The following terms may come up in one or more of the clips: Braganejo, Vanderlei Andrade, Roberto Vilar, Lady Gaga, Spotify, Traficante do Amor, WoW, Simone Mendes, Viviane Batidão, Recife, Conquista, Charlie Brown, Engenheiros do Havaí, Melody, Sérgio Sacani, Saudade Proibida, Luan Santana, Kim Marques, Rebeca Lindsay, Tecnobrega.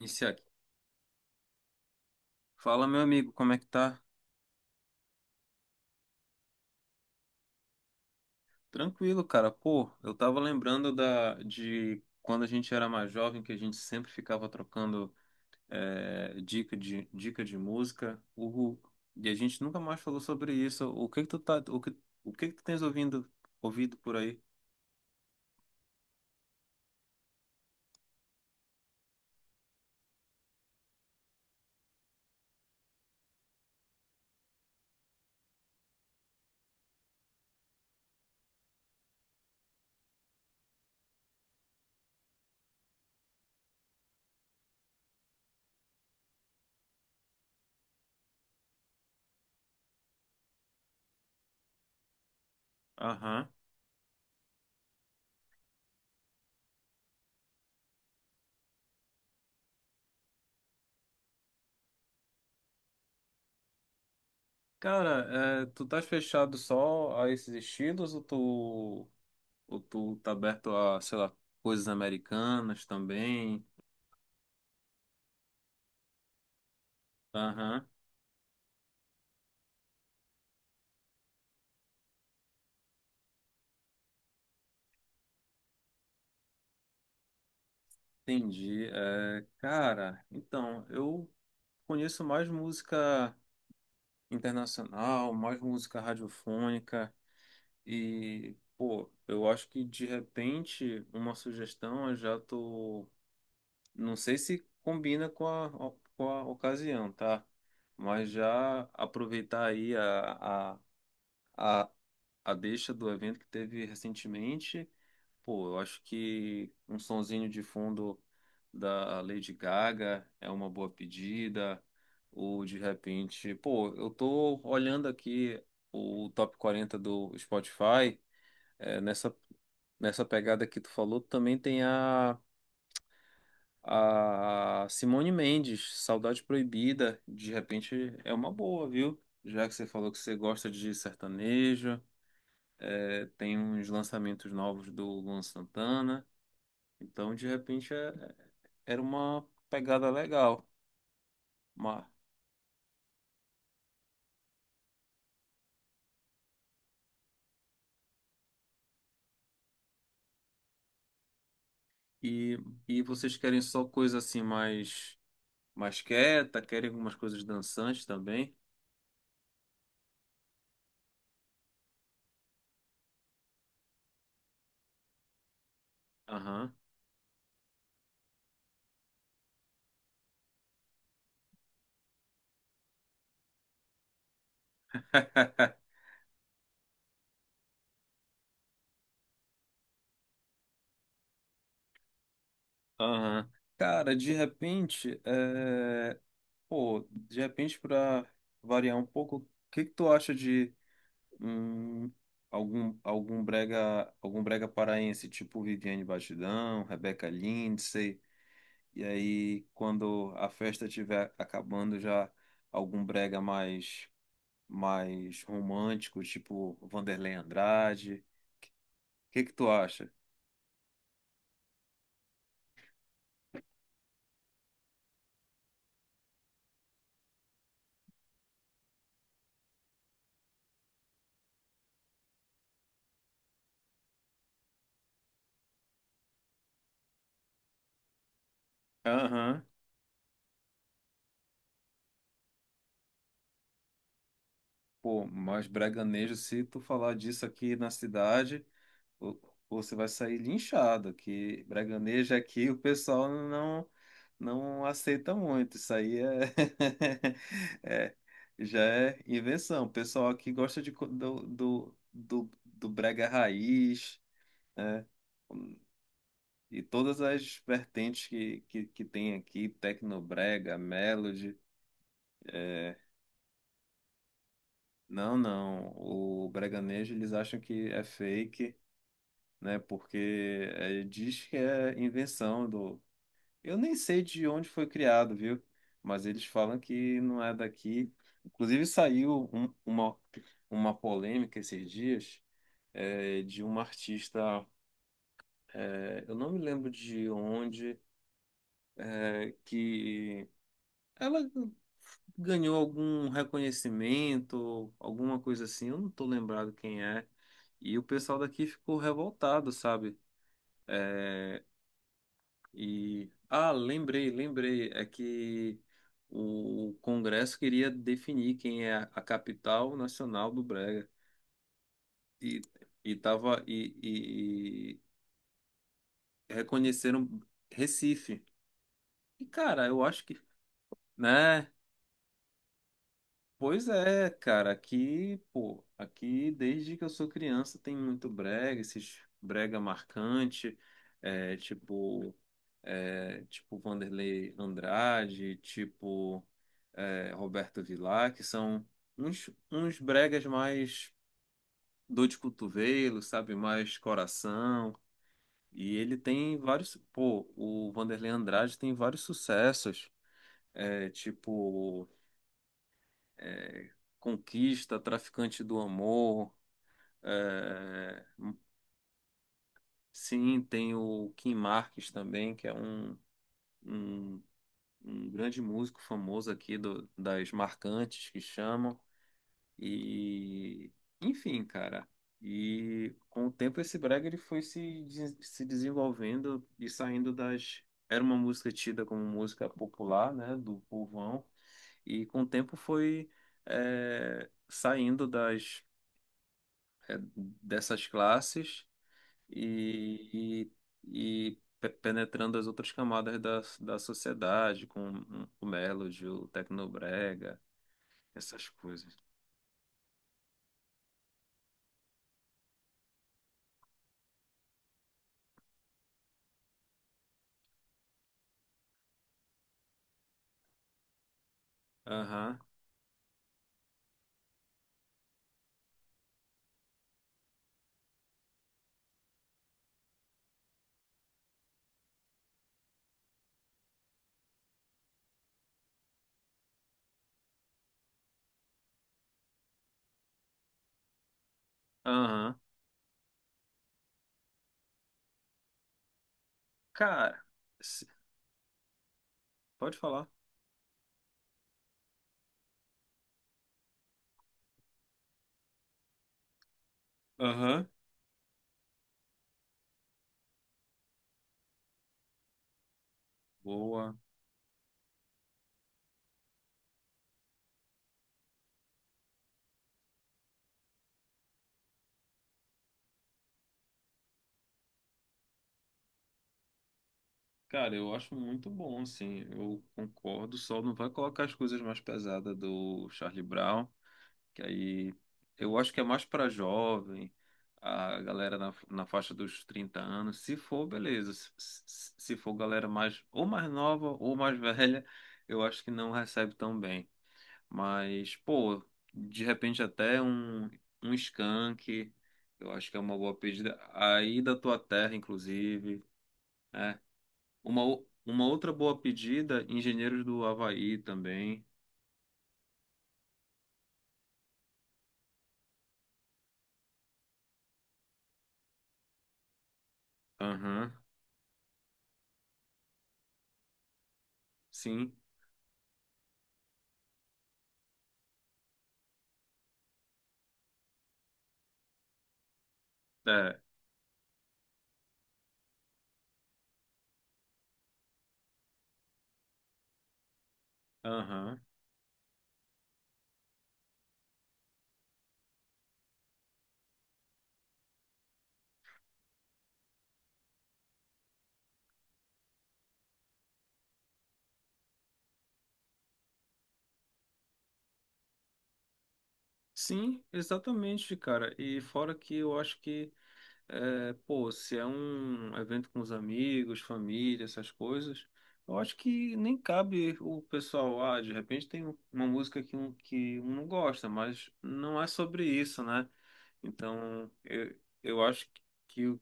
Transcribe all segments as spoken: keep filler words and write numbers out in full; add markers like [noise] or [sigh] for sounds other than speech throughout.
Iniciar aqui. Fala, meu amigo, como é que tá? Tranquilo, cara. Pô, eu tava lembrando da, de quando a gente era mais jovem, que a gente sempre ficava trocando é, dica de, dica de música. Uhul. E a gente nunca mais falou sobre isso. O que que tu tá, o que, o que que tu tens ouvindo, ouvido por aí? Aham. Cara, é, tu estás fechado só a esses estilos ou tu, ou tu tá aberto a, sei lá, coisas americanas também? Aham. Entendi. É, cara, então, eu conheço mais música internacional, mais música radiofônica e, pô, eu acho que de repente uma sugestão eu já tô, não sei se combina com a, com a ocasião, tá? Mas já aproveitar aí a, a, a deixa do evento que teve recentemente. Pô, eu acho que um sonzinho de fundo da Lady Gaga é uma boa pedida, ou de repente, pô, eu tô olhando aqui o top quarenta do Spotify, é, nessa, nessa pegada que tu falou, também tem a, a Simone Mendes, Saudade Proibida, de repente é uma boa, viu? Já que você falou que você gosta de sertanejo. É, tem uns lançamentos novos do Luan Santana. Então, de repente, é- era uma pegada legal. Mas, e, e vocês querem só coisa assim mais, mais quieta? Querem algumas coisas dançantes também? Aham. [laughs] Aham. Cara, de repente, é, pô, de repente, para variar um pouco, o que que tu acha de Hum, algum, algum brega, algum brega paraense, tipo Viviane Batidão, Rebeca Lindsay, e aí quando a festa estiver acabando já algum brega mais mais romântico, tipo Vanderlei Andrade. O que que tu acha? Aham. Pô, mais breganejo se tu falar disso aqui na cidade. Ou- ou Você vai sair linchado, que Braganejo aqui o pessoal não não aceita muito. Isso aí é. [laughs] é- Já é invenção. O pessoal aqui gosta de, co- do, do, do, do brega raiz, né? E todas as vertentes que, que, que tem aqui, Tecnobrega, Melody. é, Não, não. O Braganejo eles acham que é fake, né? Porque é, diz que é invenção do. Eu nem sei de onde foi criado, viu? Mas eles falam que não é daqui. Inclusive saiu um- uma, uma polêmica esses dias, é, de uma artista, é, eu não me lembro de onde, é, que ela ganhou algum reconhecimento, alguma coisa assim, eu não tô lembrado quem é. E o pessoal daqui ficou revoltado, sabe? Eh, E ah, lembrei, lembrei, é que o Congresso queria definir quem é a a capital nacional do Brega e e tava, e, e- e reconheceram Recife. E cara, eu acho que, né? Pois é, cara, aqui, pô, aqui desde que eu sou criança tem muito brega, esses brega marcante, é, tipo, é, tipo Vanderlei Andrade, tipo, é, Roberto Vilar, que são uns, uns bregas mais dor de cotovelo, sabe, mais coração, e ele tem vários, pô, o Vanderlei Andrade tem vários sucessos, é, tipo é, Conquista, Traficante do Amor. é, Sim, tem o Kim Marques também, que é um, um, um grande músico famoso aqui do, das marcantes que chamam. E, enfim, cara. E com o tempo esse brega ele foi se, des- se desenvolvendo e saindo das. Era uma música tida como música popular, né, do povão, e com o tempo foi é, saindo das é, dessas classes e, e, e pe- penetrando as outras camadas da, da sociedade, com o Melody, o Tecnobrega, essas coisas. Aham, aham. Cara, se- pode falar. Aham, boa. Cara, eu acho muito bom, sim, eu concordo, só não vai colocar as coisas mais pesadas do Charlie Brown, que aí eu acho que é mais para jovem, a galera na, na faixa dos trinta anos. Se for, beleza. Se, se se for galera mais ou mais nova ou mais [laughs] velha, eu acho que não recebe tão bem. Mas, pô, de repente até um, um skunk, eu acho que é uma boa pedida. Aí da tua terra, inclusive, né? Uma, o- uma outra boa pedida, Engenheiros do Havaí também. Aham, sim. É, aham. Sim, exatamente, cara. E fora que eu acho que, é, pô, se é um evento com os amigos, família, essas coisas, eu acho que nem cabe o pessoal, ah, de repente tem um, uma música que um, que um não gosta, mas não é sobre isso, né? Então, eu, eu acho que,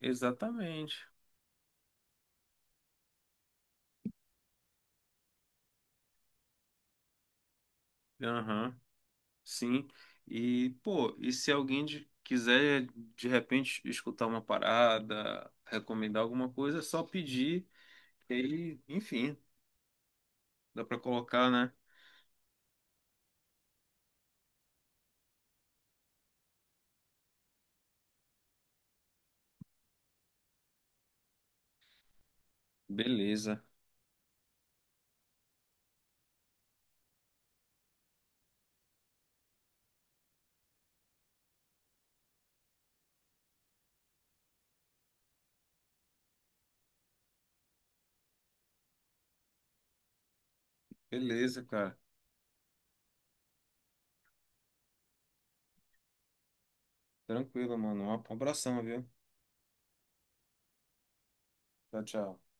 exatamente. Aham, sim. E, pô, e se alguém de- quiser, de repente, escutar uma parada, recomendar alguma coisa, é só pedir. E aí, enfim, dá pra colocar, né? Beleza. Beleza, cara. Tranquilo, mano. Um abração, viu? Tchau, tchau.